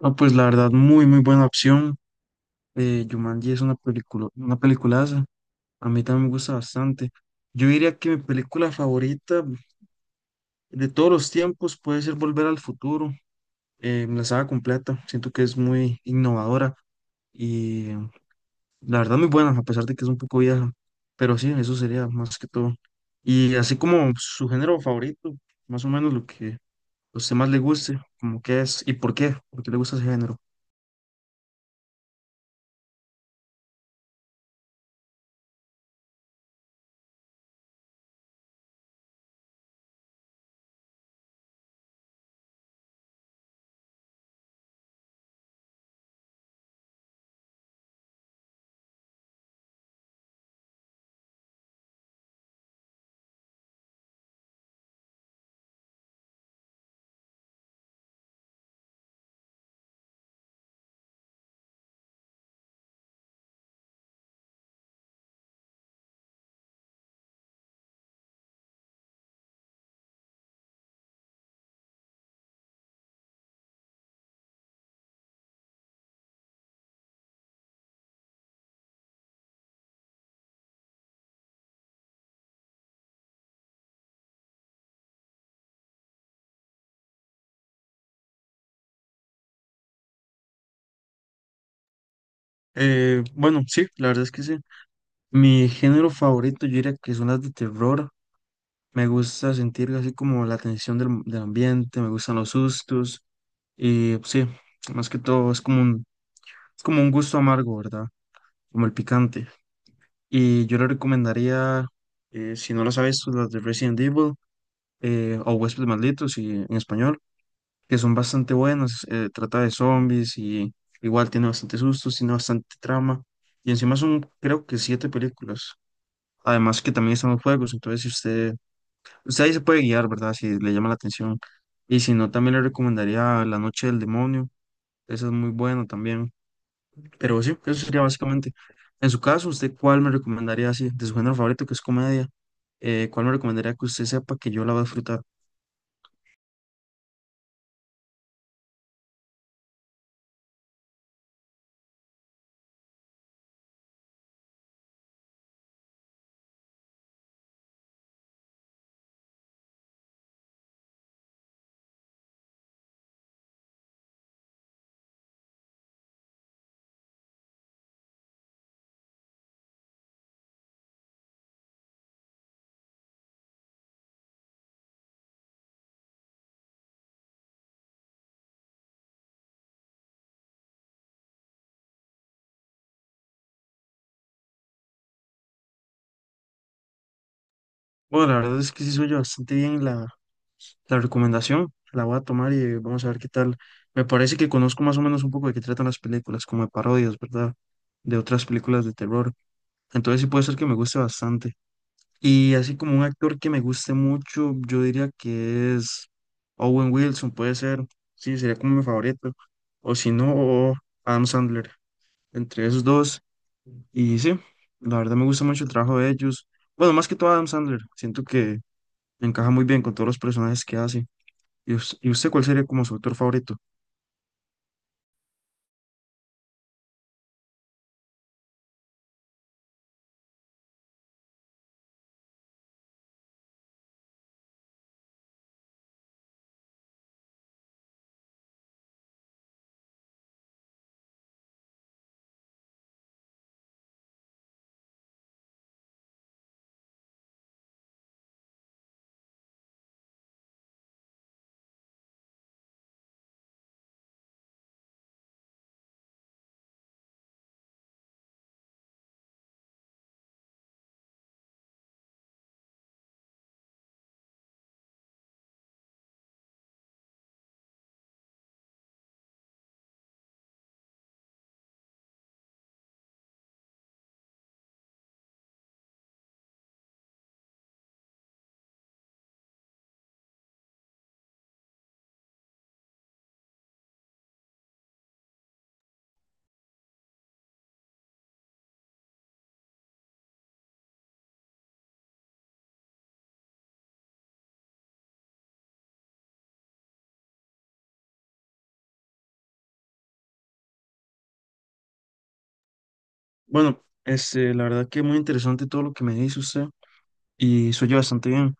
No, pues la verdad, muy buena opción. Jumanji es una peliculaza. A mí también me gusta bastante. Yo diría que mi película favorita de todos los tiempos puede ser Volver al Futuro. La saga completa. Siento que es muy innovadora y la verdad muy buena, a pesar de que es un poco vieja. Pero sí, eso sería más que todo. Y así como su género favorito, más o menos lo que a usted más le guste, como que es y por qué le gusta ese género. Bueno, sí, la verdad es que sí. Mi género favorito, yo diría que son las de terror. Me gusta sentir así como la tensión del ambiente, me gustan los sustos. Y pues, sí, más que todo es como un gusto amargo, ¿verdad? Como el picante. Y yo le recomendaría, si no las ha visto, las de Resident Evil o Huéspedes Malditos y, en español, que son bastante buenas. Trata de zombies y igual tiene bastante sustos, tiene bastante trama. Y encima son, creo que siete películas. Además que también están los juegos, entonces si usted usted ahí se puede guiar, ¿verdad? Si le llama la atención. Y si no, también le recomendaría La Noche del Demonio. Esa es muy buena también. Pero sí, eso sería básicamente. En su caso, ¿usted cuál me recomendaría así? De su género favorito, que es comedia. ¿Cuál me recomendaría que usted sepa que yo la voy a disfrutar? Bueno, la verdad es que sí soy yo bastante bien la recomendación. La voy a tomar y vamos a ver qué tal. Me parece que conozco más o menos un poco de qué tratan las películas, como de parodias, ¿verdad? De otras películas de terror. Entonces sí puede ser que me guste bastante. Y así como un actor que me guste mucho, yo diría que es Owen Wilson, puede ser, sí, sería como mi favorito. O si no, Adam Sandler, entre esos dos. Y sí, la verdad me gusta mucho el trabajo de ellos. Bueno, más que todo Adam Sandler, siento que encaja muy bien con todos los personajes que hace. Y usted cuál sería como su actor favorito? Bueno, este, la verdad que muy interesante todo lo que me dice usted y se oye bastante bien.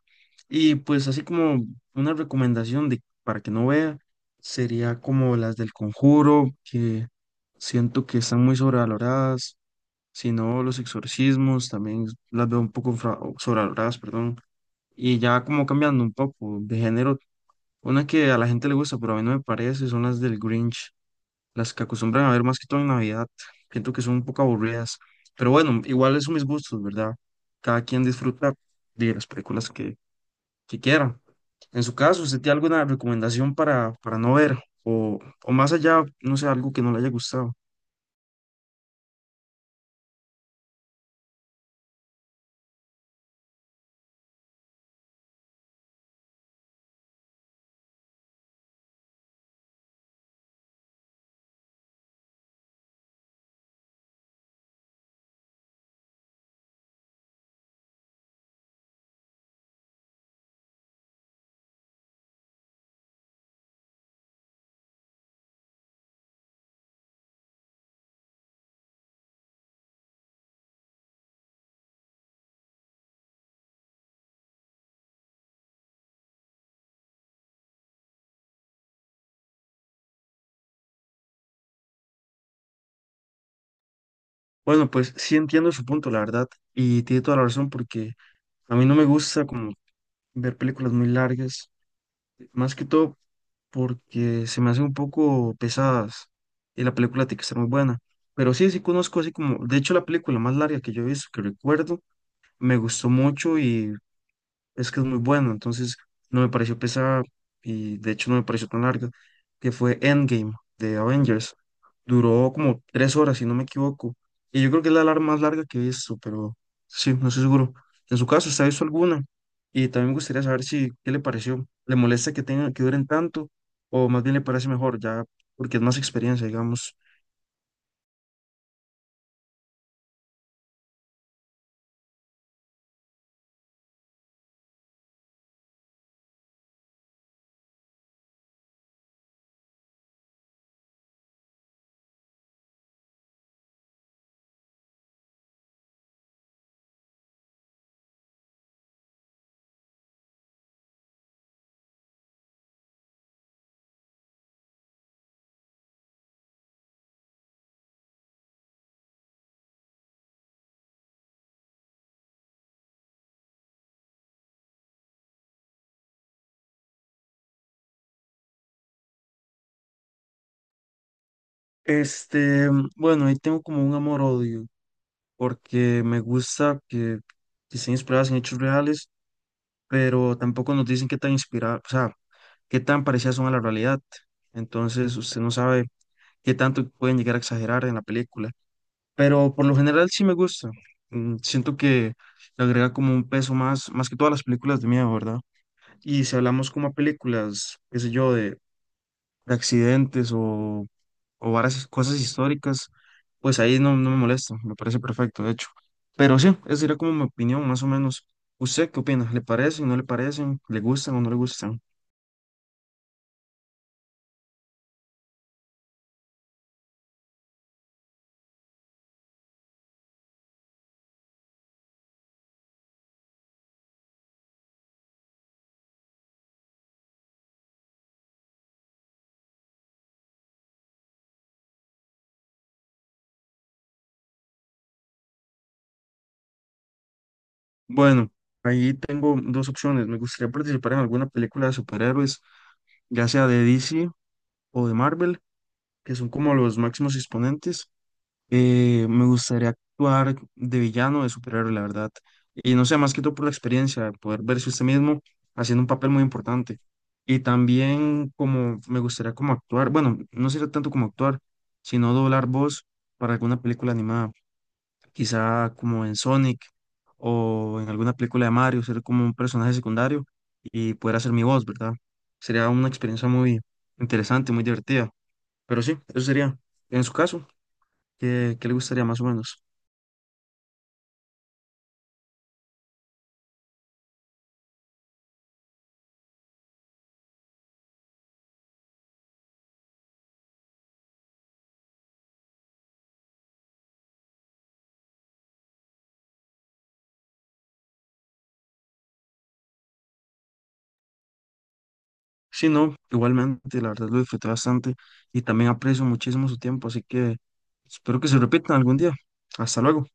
Y pues así como una recomendación de, para que no vea, sería como las del Conjuro, que siento que están muy sobrevaloradas, si no los exorcismos, también las veo un poco sobrevaloradas, perdón. Y ya como cambiando un poco de género, una que a la gente le gusta, pero a mí no me parece, son las del Grinch, las que acostumbran a ver más que todo en Navidad. Siento que son un poco aburridas, pero bueno, igual son mis gustos, ¿verdad? Cada quien disfruta de las películas que quiera. En su caso, ¿usted tiene alguna recomendación para no ver? O más allá, no sé, algo que no le haya gustado. Bueno, pues sí entiendo su punto, la verdad, y tiene toda la razón porque a mí no me gusta como ver películas muy largas, más que todo porque se me hacen un poco pesadas y la película tiene que estar muy buena. Pero sí, sí conozco así como, de hecho la película más larga que yo he visto, que recuerdo, me gustó mucho y es que es muy bueno, entonces no me pareció pesada y de hecho no me pareció tan larga, que fue Endgame de Avengers. Duró como tres horas, si no me equivoco. Y yo creo que es más larga que he visto, pero sí, no estoy seguro. En su caso, ¿usted ha visto alguna? Y también me gustaría saber si, ¿qué le pareció? ¿Le molesta que tengan, que duren tanto? ¿O más bien le parece mejor ya, porque es más experiencia, digamos? Este, bueno, ahí tengo como un amor-odio, porque me gusta que estén inspiradas en hechos reales pero tampoco nos dicen qué tan inspirada, o sea, qué tan parecidas son a la realidad. Entonces, usted no sabe qué tanto pueden llegar a exagerar en la película. Pero por lo general sí me gusta. Mm, siento que le agrega como un peso más, más que todas las películas de miedo, ¿verdad? Y si hablamos como a películas, qué sé yo, de accidentes o varias cosas históricas, pues ahí no, no me molesta, me parece perfecto, de hecho. Pero sí, esa sería como mi opinión, más o menos. ¿Usted qué opina? ¿Le parecen, no le parecen? ¿Le gustan o no le gustan? Bueno, ahí tengo dos opciones. Me gustaría participar en alguna película de superhéroes, ya sea de DC o de Marvel, que son como los máximos exponentes. Me gustaría actuar de villano, de superhéroe, la verdad. Y no sé, más que todo por la experiencia, poder verse usted mismo haciendo un papel muy importante. Y también como me gustaría como actuar, bueno, no sería tanto como actuar, sino doblar voz para alguna película animada, quizá como en Sonic o en alguna película de Mario, ser como un personaje secundario y poder hacer mi voz, ¿verdad? Sería una experiencia muy interesante, muy divertida. Pero sí, eso sería. En su caso, ¿qué le gustaría más o menos? Sí, no, igualmente, la verdad lo disfruté bastante y también aprecio muchísimo su tiempo, así que espero que se repita algún día. Hasta luego.